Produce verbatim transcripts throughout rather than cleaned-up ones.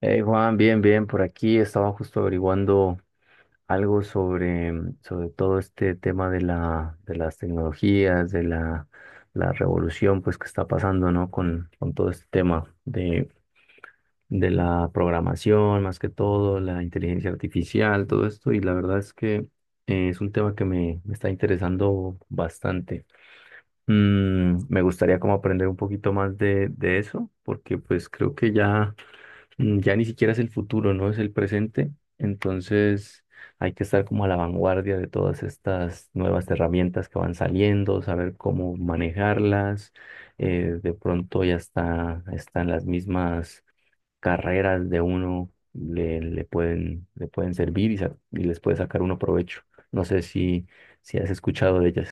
Hey Juan, bien, bien, por aquí estaba justo averiguando algo sobre, mm, sobre todo este tema de la, de las tecnologías, de la, la revolución pues que está pasando, ¿no? Con, con todo este tema de, de la programación, más que todo, la inteligencia artificial, todo esto, y la verdad es que eh, es un tema que me, me está interesando bastante. Mm, me gustaría como aprender un poquito más de, de eso, porque pues creo que ya mm, ya ni siquiera es el futuro, ¿no? Es el presente. Entonces hay que estar como a la vanguardia de todas estas nuevas herramientas que van saliendo, saber cómo manejarlas. Eh, de pronto ya está, están las mismas carreras de uno, le, le pueden, le pueden servir y, sa- y les puede sacar uno provecho. No sé si, Si has escuchado de ellas.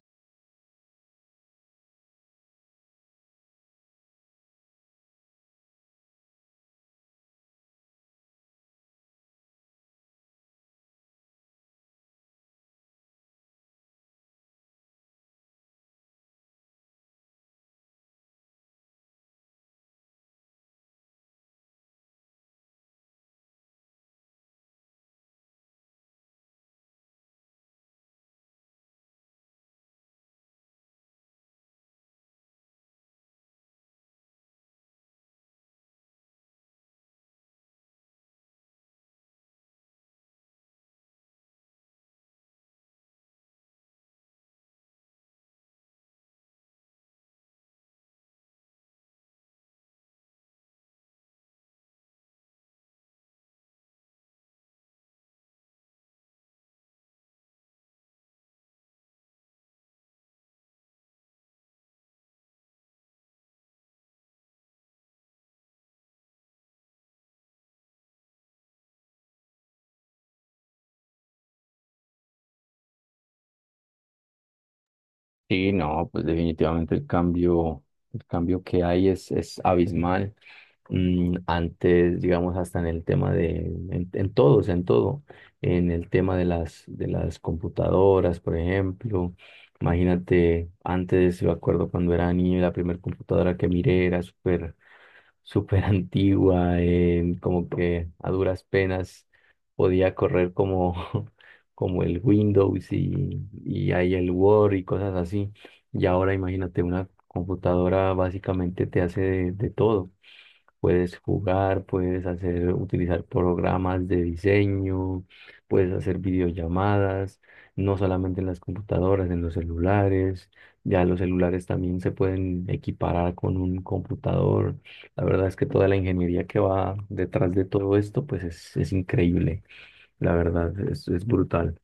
Sí, no, pues definitivamente el cambio, el cambio que hay es, es abismal. Mm, antes, digamos, hasta en el tema de, en, en todo, o sea, en todo, en el tema de las, de las computadoras, por ejemplo. Imagínate, antes, yo acuerdo cuando era niño, la primera computadora que miré era súper súper antigua, eh, como que a duras penas podía correr como, como el Windows y, y ahí el Word y cosas así. Y ahora imagínate, una computadora básicamente te hace de, de todo. Puedes jugar, puedes hacer, utilizar programas de diseño, puedes hacer videollamadas, no solamente en las computadoras, en los celulares. Ya los celulares también se pueden equiparar con un computador. La verdad es que toda la ingeniería que va detrás de todo esto, pues es, es increíble. La verdad, es, es brutal.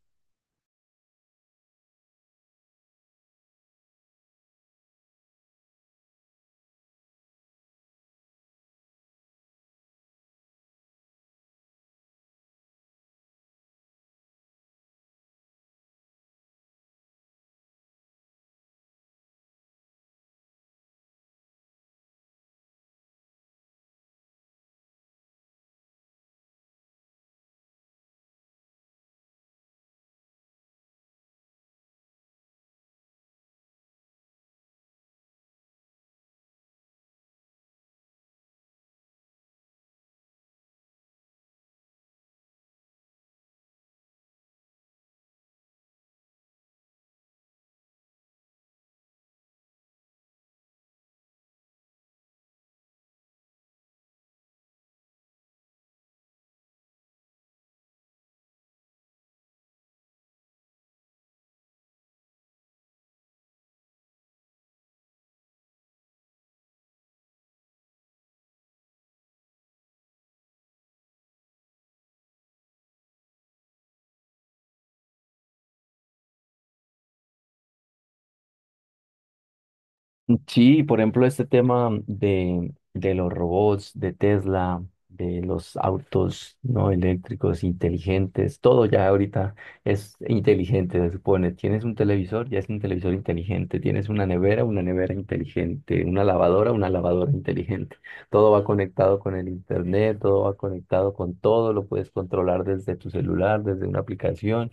Sí, por ejemplo, este tema de, de los robots, de Tesla, de los autos no eléctricos inteligentes, todo ya ahorita es inteligente, se supone. Tienes un televisor, ya es un televisor inteligente. Tienes una nevera, una nevera inteligente. Una lavadora, una lavadora inteligente. Todo va conectado con el internet, todo va conectado con todo, lo puedes controlar desde tu celular, desde una aplicación.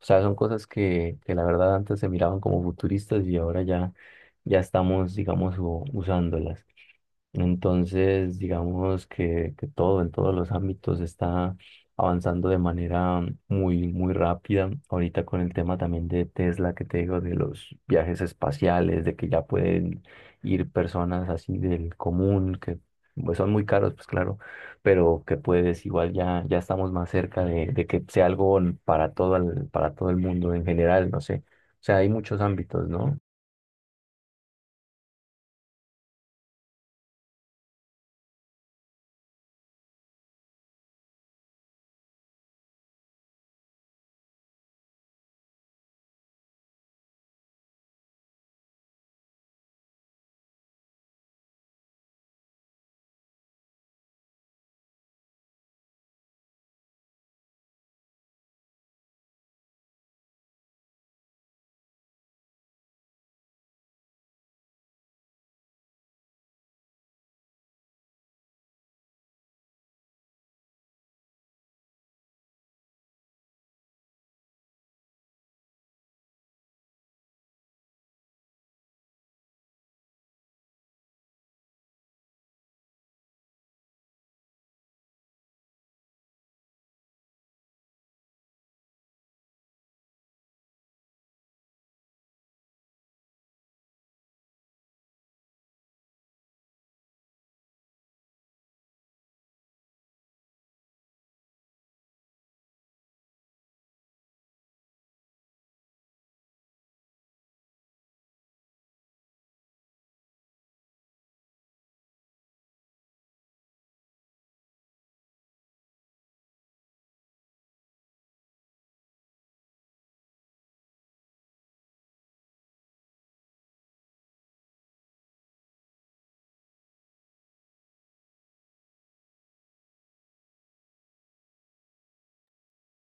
O sea, son cosas que, que la verdad antes se miraban como futuristas y ahora ya, ya estamos, digamos, u- usándolas. Entonces, digamos que, que todo en todos los ámbitos está avanzando de manera muy, muy rápida. Ahorita con el tema también de Tesla que te digo, de los viajes espaciales, de que ya pueden ir personas así del común, que pues, son muy caros, pues claro, pero que puedes igual ya, ya estamos más cerca de, de que sea algo para todo el, para todo el mundo en general, no sé. O sea, hay muchos ámbitos, ¿no?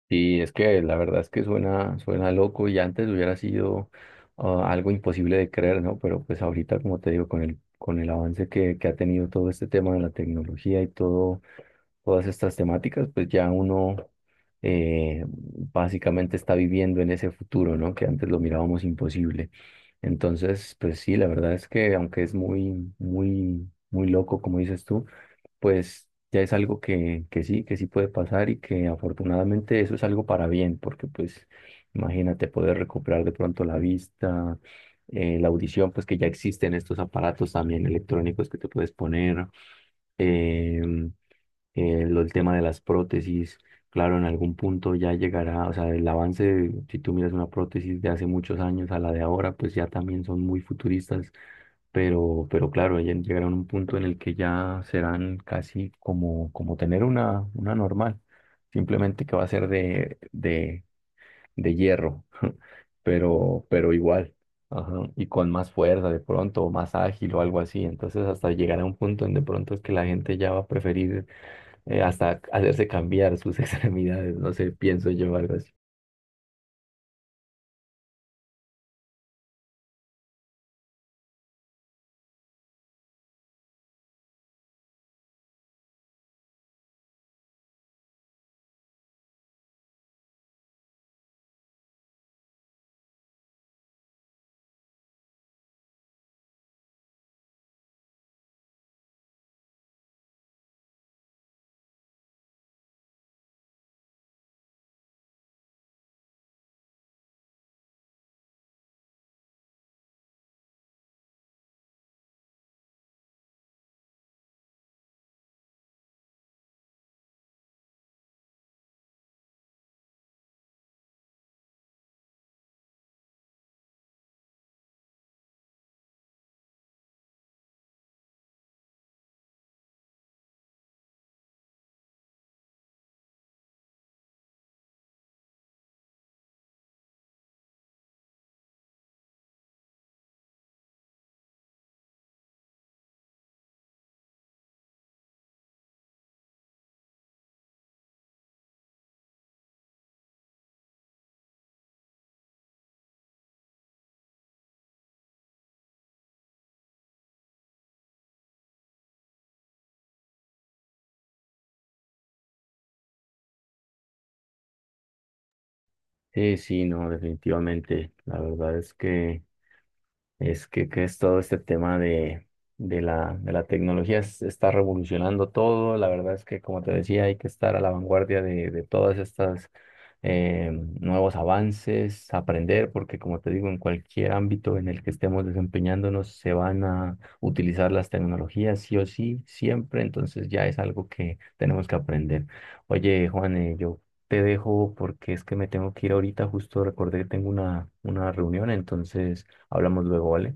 Sí, es que la verdad es que suena, suena loco y antes hubiera sido ah, algo imposible de creer, ¿no? Pero pues ahorita, como te digo, con el, con el avance que, que ha tenido todo este tema de la tecnología y todo, todas estas temáticas, pues ya uno eh, básicamente está viviendo en ese futuro, ¿no? Que antes lo mirábamos imposible. Entonces, pues sí, la verdad es que aunque es muy, muy, muy loco, como dices tú, pues ya es algo que, que sí, que sí puede pasar y que afortunadamente eso es algo para bien, porque pues imagínate poder recuperar de pronto la vista, eh, la audición, pues que ya existen estos aparatos también electrónicos que te puedes poner. em, eh, lo- el tema de las prótesis, claro, en algún punto ya llegará, o sea, el avance, si tú miras una prótesis de hace muchos años a la de ahora, pues ya también son muy futuristas, pero, pero claro, ya llegarán a un punto en el que ya serán casi como, como tener una, una normal, simplemente que va a ser de, de, de hierro, pero, pero igual. Ajá, y con más fuerza de pronto, o más ágil o algo así. Entonces hasta llegará un punto en de pronto es que la gente ya va a preferir eh, hasta hacerse cambiar sus extremidades, no sé, pienso yo algo así. Sí, sí, no, definitivamente. La verdad es que... Es que, que es todo este tema de, de la, de la tecnología, es- está revolucionando todo. La verdad es que, como te decía, hay que estar a la vanguardia de, de todas estas eh, nuevos avances, aprender, porque como te digo, en cualquier ámbito en el que estemos desempeñándonos, se van a utilizar las tecnologías sí o sí, siempre. Entonces ya es algo que tenemos que aprender. Oye, Juan, eh, yo te dejo porque es que me tengo que ir ahorita, justo recordé que tengo una, una reunión, entonces... Hablamos luego, ¿vale?